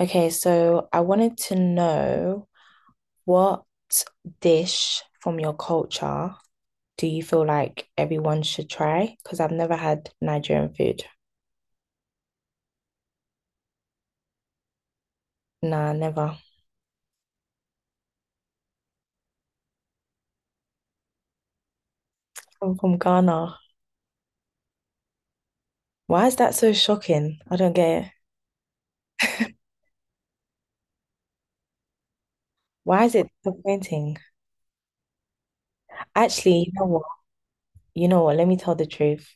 Okay, so I wanted to know what dish from your culture do you feel like everyone should try? Because I've never had Nigerian food. Nah, never. I'm from Ghana. Why is that so shocking? I don't get it. Why is it disappointing? Actually, you know what? You know what? Let me tell the truth.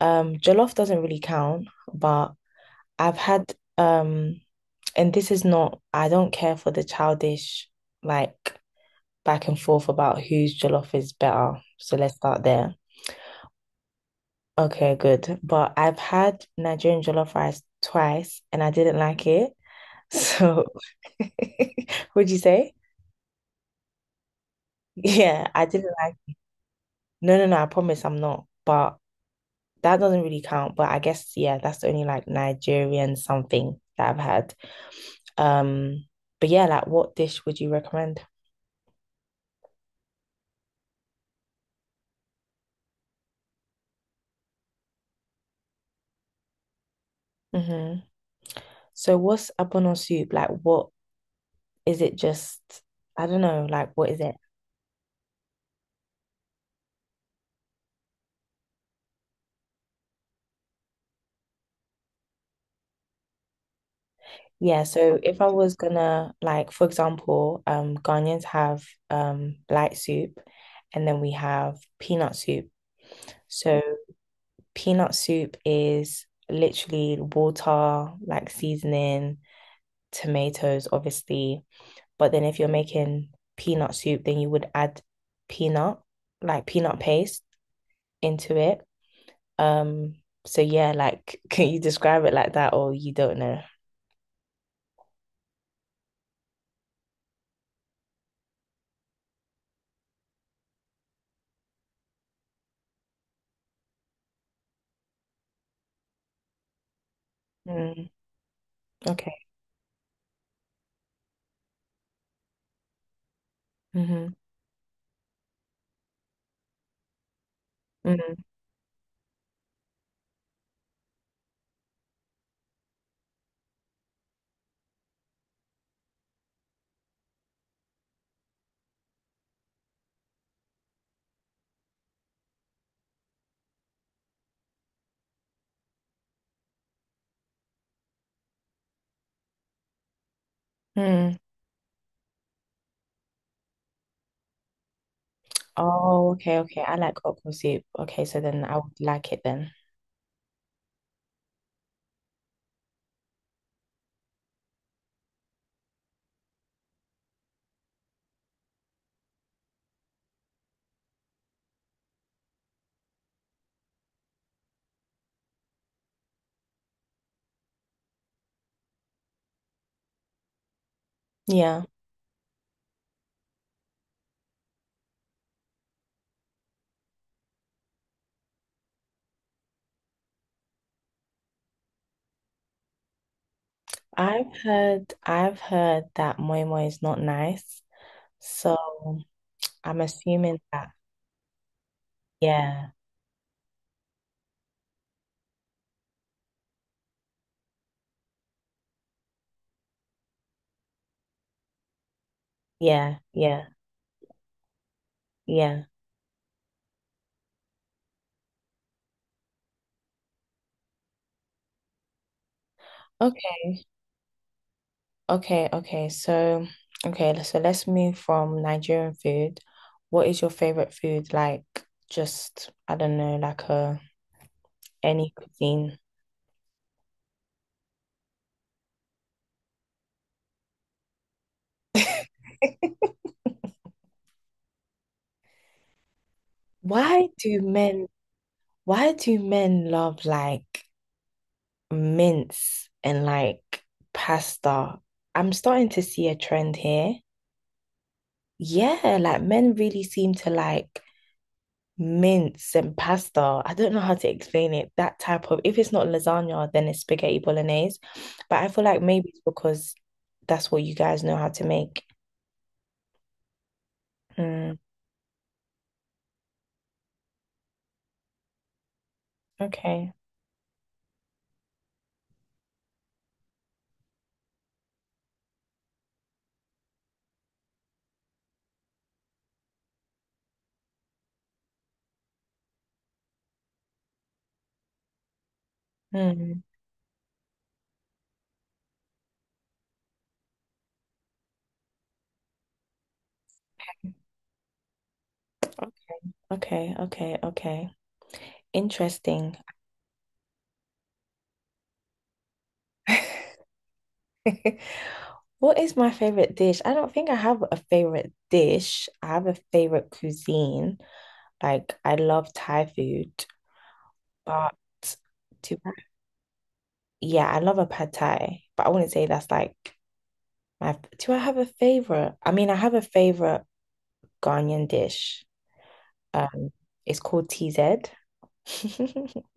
Jollof doesn't really count, but I've had and this is not, I don't care for the childish like back and forth about whose jollof is better. So let's start there. Okay, good. But I've had Nigerian jollof rice twice and I didn't like it. So would you say? Yeah, I didn't like. No, no, no. I promise I'm not. But that doesn't really count, but I guess yeah, that's the only like Nigerian something that I've had. Um, but yeah, like what dish would you recommend? Mm-hmm. So what's abono soup? Like what is it just I don't know, like what is it? Yeah, so if I was gonna like, for example, Ghanaians have light soup, and then we have peanut soup. So peanut soup is literally water, like seasoning, tomatoes, obviously. But then if you're making peanut soup, then you would add peanut, like peanut paste into it. Um, so yeah, like, can you describe it like that, or you don't know? Hmm. Okay. Hmm. Hmm. Mm. Oh, okay, okay. I like okra soup. Okay, so then I would like it then. Yeah. I've heard that moi moi is not nice. So I'm assuming that yeah, yeah, yeah, yeah. Okay, okay, okay. So okay, so let's move from Nigerian food. What is your favorite food? Like just I don't know, like a any cuisine. Why do men Why do men love like mince and like pasta? I'm starting to see a trend here. Yeah, like men really seem to like mince and pasta. I don't know how to explain it. That type of, if it's not lasagna, then it's spaghetti bolognese. But I feel like maybe it's because that's what you guys know how to make. Hmm. Okay. Hmm. Okay. Okay. Okay. Interesting. What is my favorite dish? I don't think I have a favorite dish. I have a favorite cuisine. Like I love Thai food, but do I- yeah, I love a pad Thai, but I wouldn't say that's like my. Do I have a favorite? I mean, I have a favorite Ghanaian dish. Um, it's called TZ.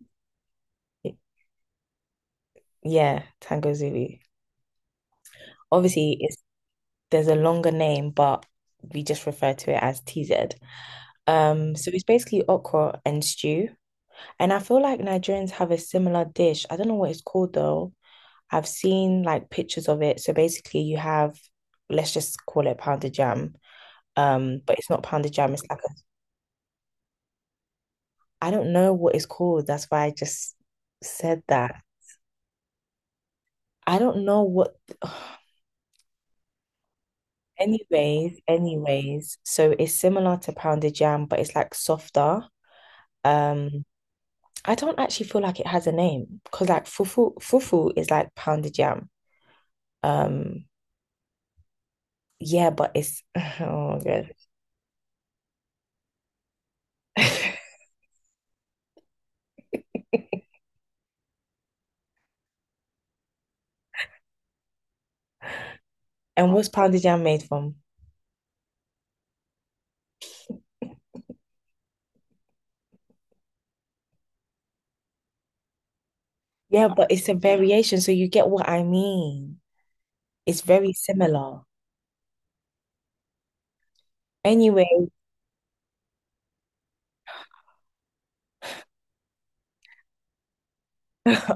Yeah, Tango Zulu. Obviously, it's There's a longer name, but we just refer to it as TZ. So it's basically okra and stew. And I feel like Nigerians have a similar dish. I don't know what it's called though. I've seen like pictures of it. So basically you have, let's just call it pounded jam. But it's not pounded jam, it's like a, I don't know what it's called. That's why I just said that. I don't know what anyways, anyways. So it's similar to pounded jam, but it's like softer. Um, I don't actually feel like it has a name because like fufu is like pounded jam. Um, yeah, but it's oh my God. And what's pounded yam made from? Yeah, but it's a variation, so you get what I mean. It's very similar. Anyway,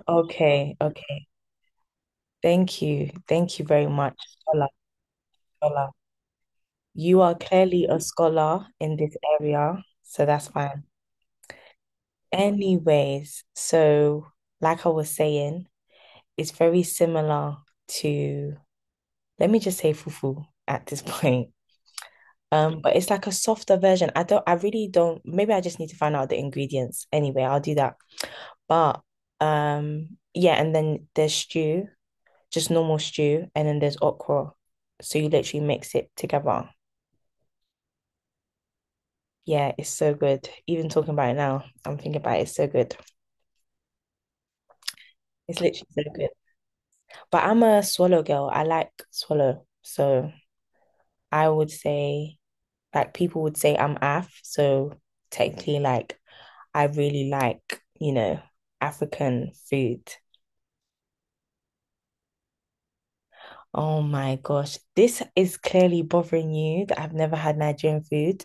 okay, okay. Thank you. Thank you very much, scholar, scholar. You are clearly a scholar in this area, so that's fine. Anyways, so like I was saying, it's very similar to, let me just say fufu at this point. But it's like a softer version. I really don't, maybe I just need to find out the ingredients. Anyway, I'll do that. But yeah, and then there's stew, just normal stew, and then there's okra. So you literally mix it together. Yeah, it's so good. Even talking about it now, I'm thinking about it, it's so good. It's literally so good. But I'm a swallow girl. I like swallow. So I would say, like people would say I'm AF, so technically like I really like, you know, African food. Oh my gosh, this is clearly bothering you that I've never had Nigerian food.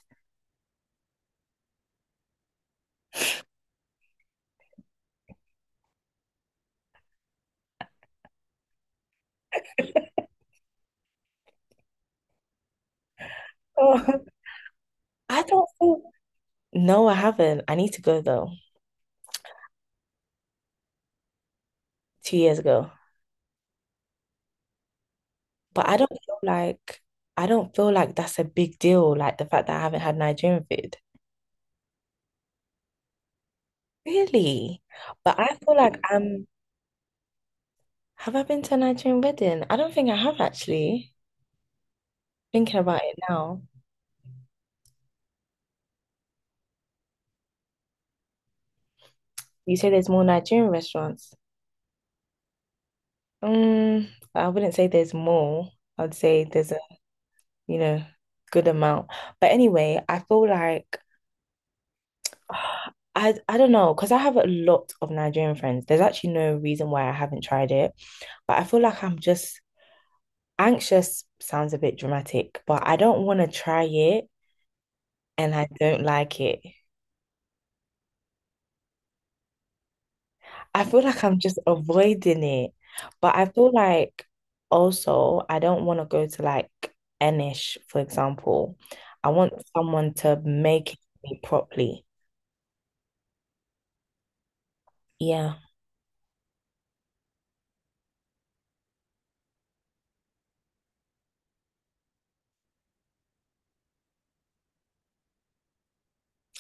Oh, I don't feel, no, I haven't. I need to go though, 2 years ago. But I don't feel like, I don't feel like that's a big deal, like the fact that I haven't had Nigerian food. Really? But I feel like I'm, have I been to a Nigerian wedding? I don't think I have actually. Thinking about it now. You say there's more Nigerian restaurants. Um, I wouldn't say there's more. I'd say there's a, you know, good amount. But anyway, I feel like I don't know, because I have a lot of Nigerian friends. There's actually no reason why I haven't tried it. But I feel like I'm just anxious sounds a bit dramatic, but I don't want to try it and I don't like it. I feel like I'm just avoiding it, but I feel like also I don't want to go to like Enish, for example. I want someone to make it properly. Yeah.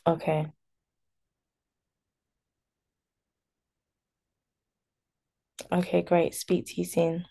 Okay. Okay, great. Speak to you soon.